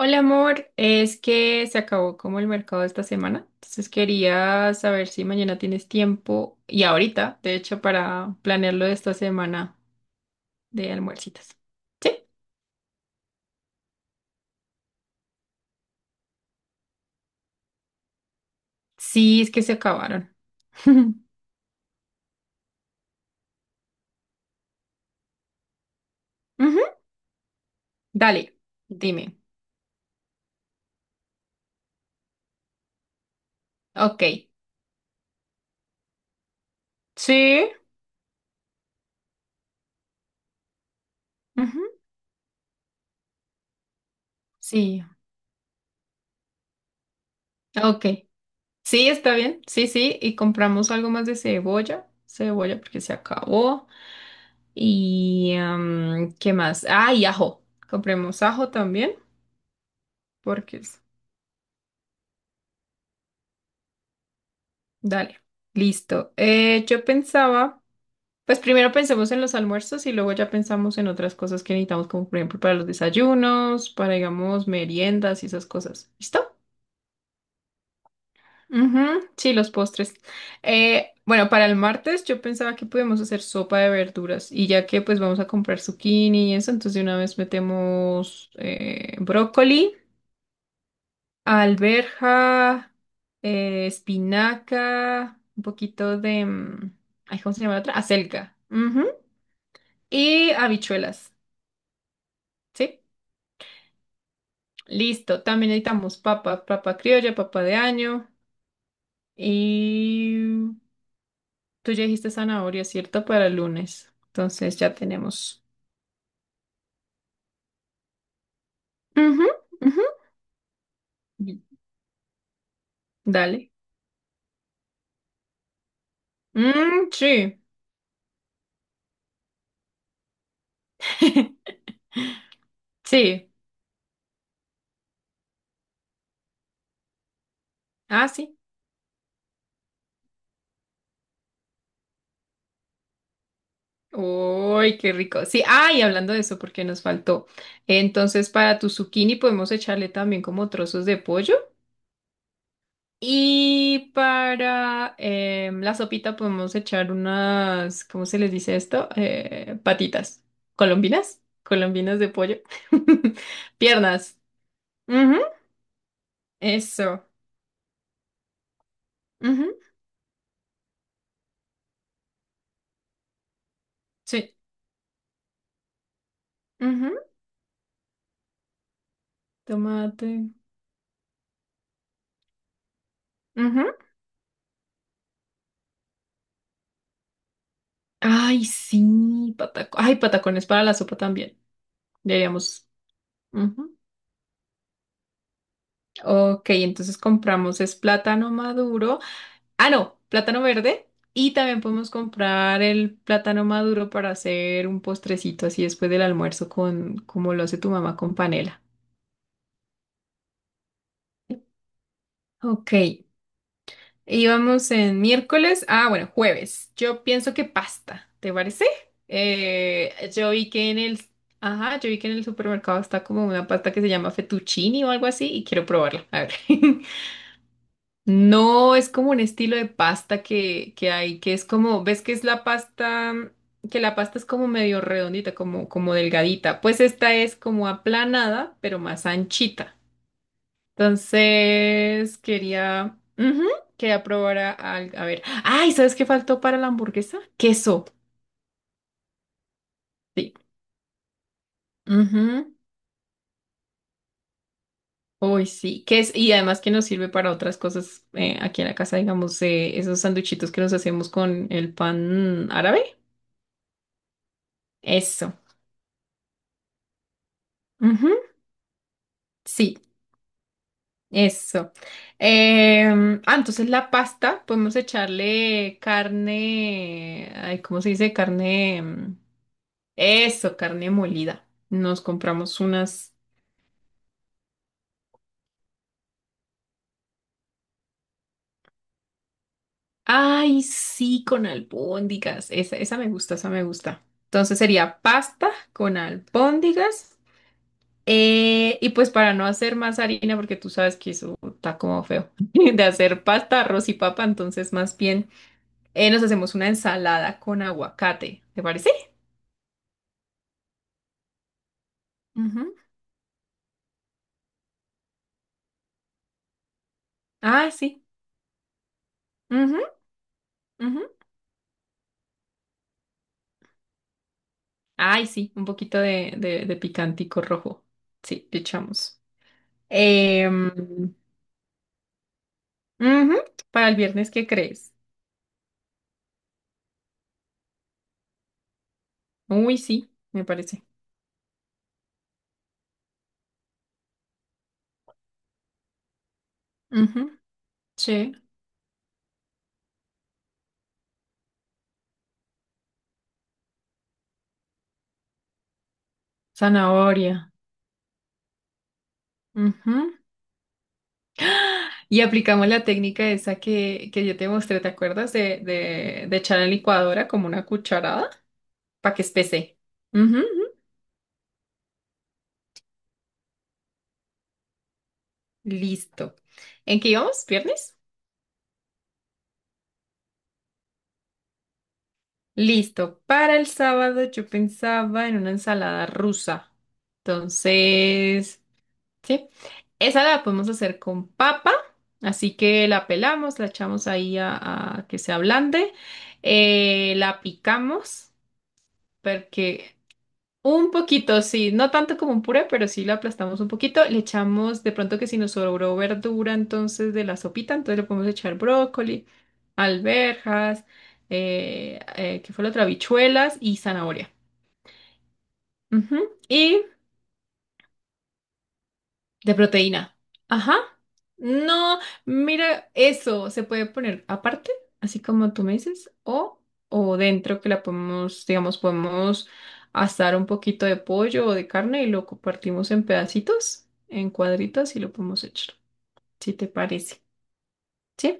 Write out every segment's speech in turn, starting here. Hola amor, es que se acabó como el mercado esta semana, entonces quería saber si mañana tienes tiempo y ahorita, de hecho, para planearlo de esta semana de almuercitas. ¿Sí? Sí, es que se acabaron. Ujú. Dale, dime. Ok. Sí. Ujú. Sí. Ok. Sí, está bien. Sí, sí. Y compramos algo más de cebolla. Cebolla porque se acabó. Y ¿qué más? Ah, y ajo. Compremos ajo también. Porque es. Dale. Listo. Yo pensaba, pues primero pensemos en los almuerzos y luego ya pensamos en otras cosas que necesitamos, como por ejemplo para los desayunos, para digamos meriendas y esas cosas. ¿Listo? Ujú. Sí, los postres. Bueno, para el martes yo pensaba que podíamos hacer sopa de verduras y ya que pues vamos a comprar zucchini y eso, entonces de una vez metemos brócoli. Alberja, espinaca, un poquito de... mm, ay, ¿cómo se llama la otra? Acelga. Ujú. Y habichuelas. ¿Sí? Listo. También necesitamos papa, papa criolla, papa de año. Y tú ya dijiste zanahoria, ¿cierto? Para el lunes. Entonces ya tenemos. Ujú, ujú. Dale. Mm, sí. Sí. Ah, sí. Uy, qué rico. Sí, ah, y hablando de eso, porque nos faltó. Entonces, para tu zucchini podemos echarle también como trozos de pollo. Y para la sopita podemos echar unas, ¿cómo se les dice esto? Patitas. ¿Colombinas? Colombinas de pollo. Piernas. Ujú. Eso. Ujú. Sí. Ujú. Tomate. Ujú. Ay, sí, pataco. Ay, patacones para la sopa también. Deberíamos. Ujú. Ok, entonces compramos es plátano maduro. Ah, no, plátano verde. Y también podemos comprar el plátano maduro para hacer un postrecito así después del almuerzo con, como lo hace tu mamá con panela. Ok, íbamos en miércoles. Ah, bueno, jueves. Yo pienso que pasta, ¿te parece? Yo vi que en el, ajá, yo vi que en el supermercado está como una pasta que se llama fettuccine o algo así y quiero probarla. A ver. No, es como un estilo de pasta que hay, que es como, ¿ves que es la pasta? Que la pasta es como medio redondita, como delgadita. Pues esta es como aplanada, pero más anchita. Entonces, quería, ujú, quería probar a ver. Ay, ¿sabes qué faltó para la hamburguesa? Queso. Sí. Ujú. Uy, sí, que es, y además que nos sirve para otras cosas aquí en la casa, digamos, esos sanduchitos que nos hacemos con el pan árabe. Eso. Sí, eso. Ah, entonces la pasta, podemos echarle carne, ay, ¿cómo se dice? Carne, eso, carne molida. Nos compramos unas, ay, sí, con albóndigas. Esa me gusta, esa me gusta. Entonces sería pasta con albóndigas. Y pues para no hacer más harina, porque tú sabes que eso está como feo, de hacer pasta, arroz y papa, entonces más bien. Nos hacemos una ensalada con aguacate, ¿te parece? Ujú. Ah, sí. Ujú, ujú. Ay, sí, un poquito de picantico rojo. Sí, le echamos. Em, Ujú. Para el viernes, ¿qué crees? Uy, sí, me parece. Ujú. Sí, zanahoria. Ujú. Y aplicamos la técnica esa que yo te mostré, ¿te acuerdas? De echar en la licuadora como una cucharada para que espese. Ujú, ujú. Listo. ¿En qué íbamos? ¿Viernes? Listo. Para el sábado yo pensaba en una ensalada rusa. Entonces, sí. Esa la podemos hacer con papa. Así que la pelamos, la echamos ahí a que se ablande. La picamos porque un poquito, sí, no tanto como un puré, pero sí lo aplastamos un poquito. Le echamos, de pronto que si nos sobró verdura entonces de la sopita, entonces le podemos echar brócoli, alberjas, ¿qué fue la otra? Habichuelas y zanahoria. Ujú. Y de proteína. Ajá. No, mira, eso se puede poner aparte, así como tú me dices, o dentro que la podemos, digamos, podemos asar un poquito de pollo o de carne y lo compartimos en pedacitos, en cuadritos y lo podemos echar, si te parece. ¿Sí?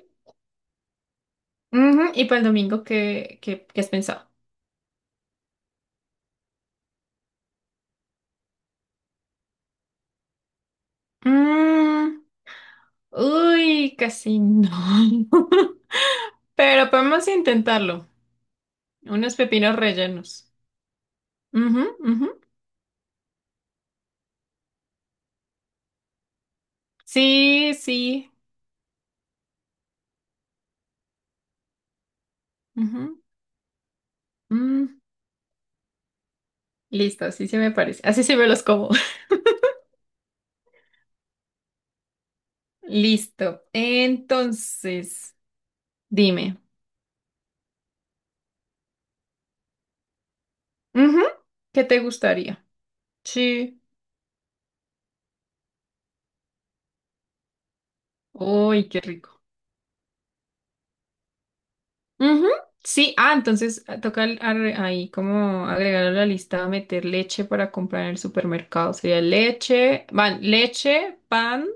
Ujú. Y para el domingo, ¿qué has pensado? Mm, uy, casi no. Pero podemos intentarlo. Unos pepinos rellenos. Ujú, ujú. Sí, sí. Ujú. Mm, listo, así se me parece. Así se me los como. Listo. Entonces, dime. Ujú. ¿Qué te gustaría? Sí. Uy, qué rico. Ujú. Sí, ah, entonces ah, toca ahí como agregar a la lista, meter leche para comprar en el supermercado. Sería leche, van, leche, pan,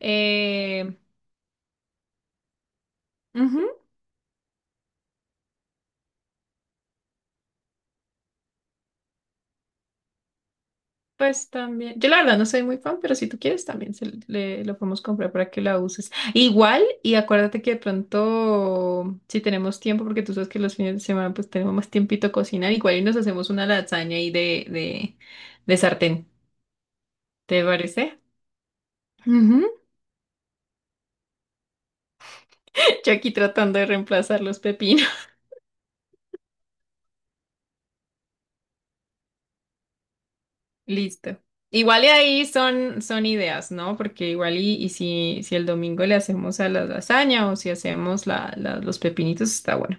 eh, pues también, yo la verdad no soy muy fan, pero si tú quieres también lo podemos comprar para que la uses. Igual, y acuérdate que de pronto, si tenemos tiempo, porque tú sabes que los fines de semana pues tenemos más tiempito a cocinar, igual y nos hacemos una lasaña ahí de sartén. ¿Te parece? Ujú. Yo aquí tratando de reemplazar los pepinos. Listo. Igual y ahí son ideas, ¿no? Porque igual y si el domingo le hacemos a la lasaña o si hacemos los pepinitos, está bueno.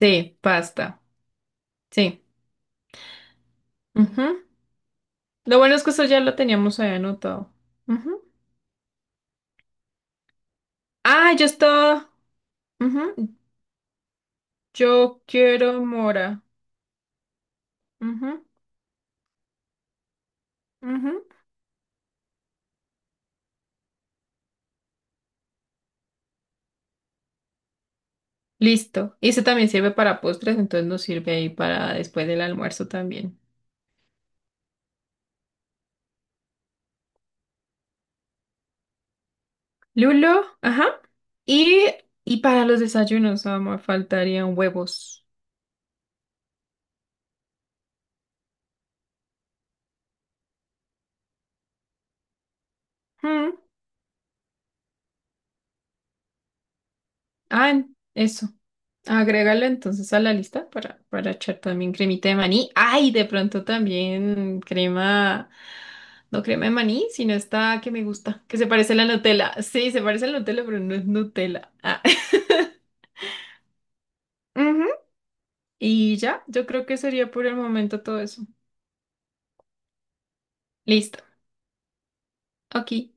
Sí, pasta. Sí. Ujú. Lo bueno es que eso ya lo teníamos ahí anotado. Ujú. Ah, yo estaba. Ujú. Yo quiero mora. Ujú, ujú. Listo. Y eso también sirve para postres, entonces nos sirve ahí para después del almuerzo también. Lulo, ajá. Y, y para los desayunos, amor, faltarían huevos. Ujú. Ah, eso. Agrégalo entonces a la lista para echar también cremita de maní. Ay, de pronto también crema, no crema de maní, sino esta que me gusta, que se parece a la Nutella. Sí, se parece a la Nutella, pero no es Nutella. Ah. Ujú. Y ya, yo creo que sería por el momento todo eso. Listo. Ok.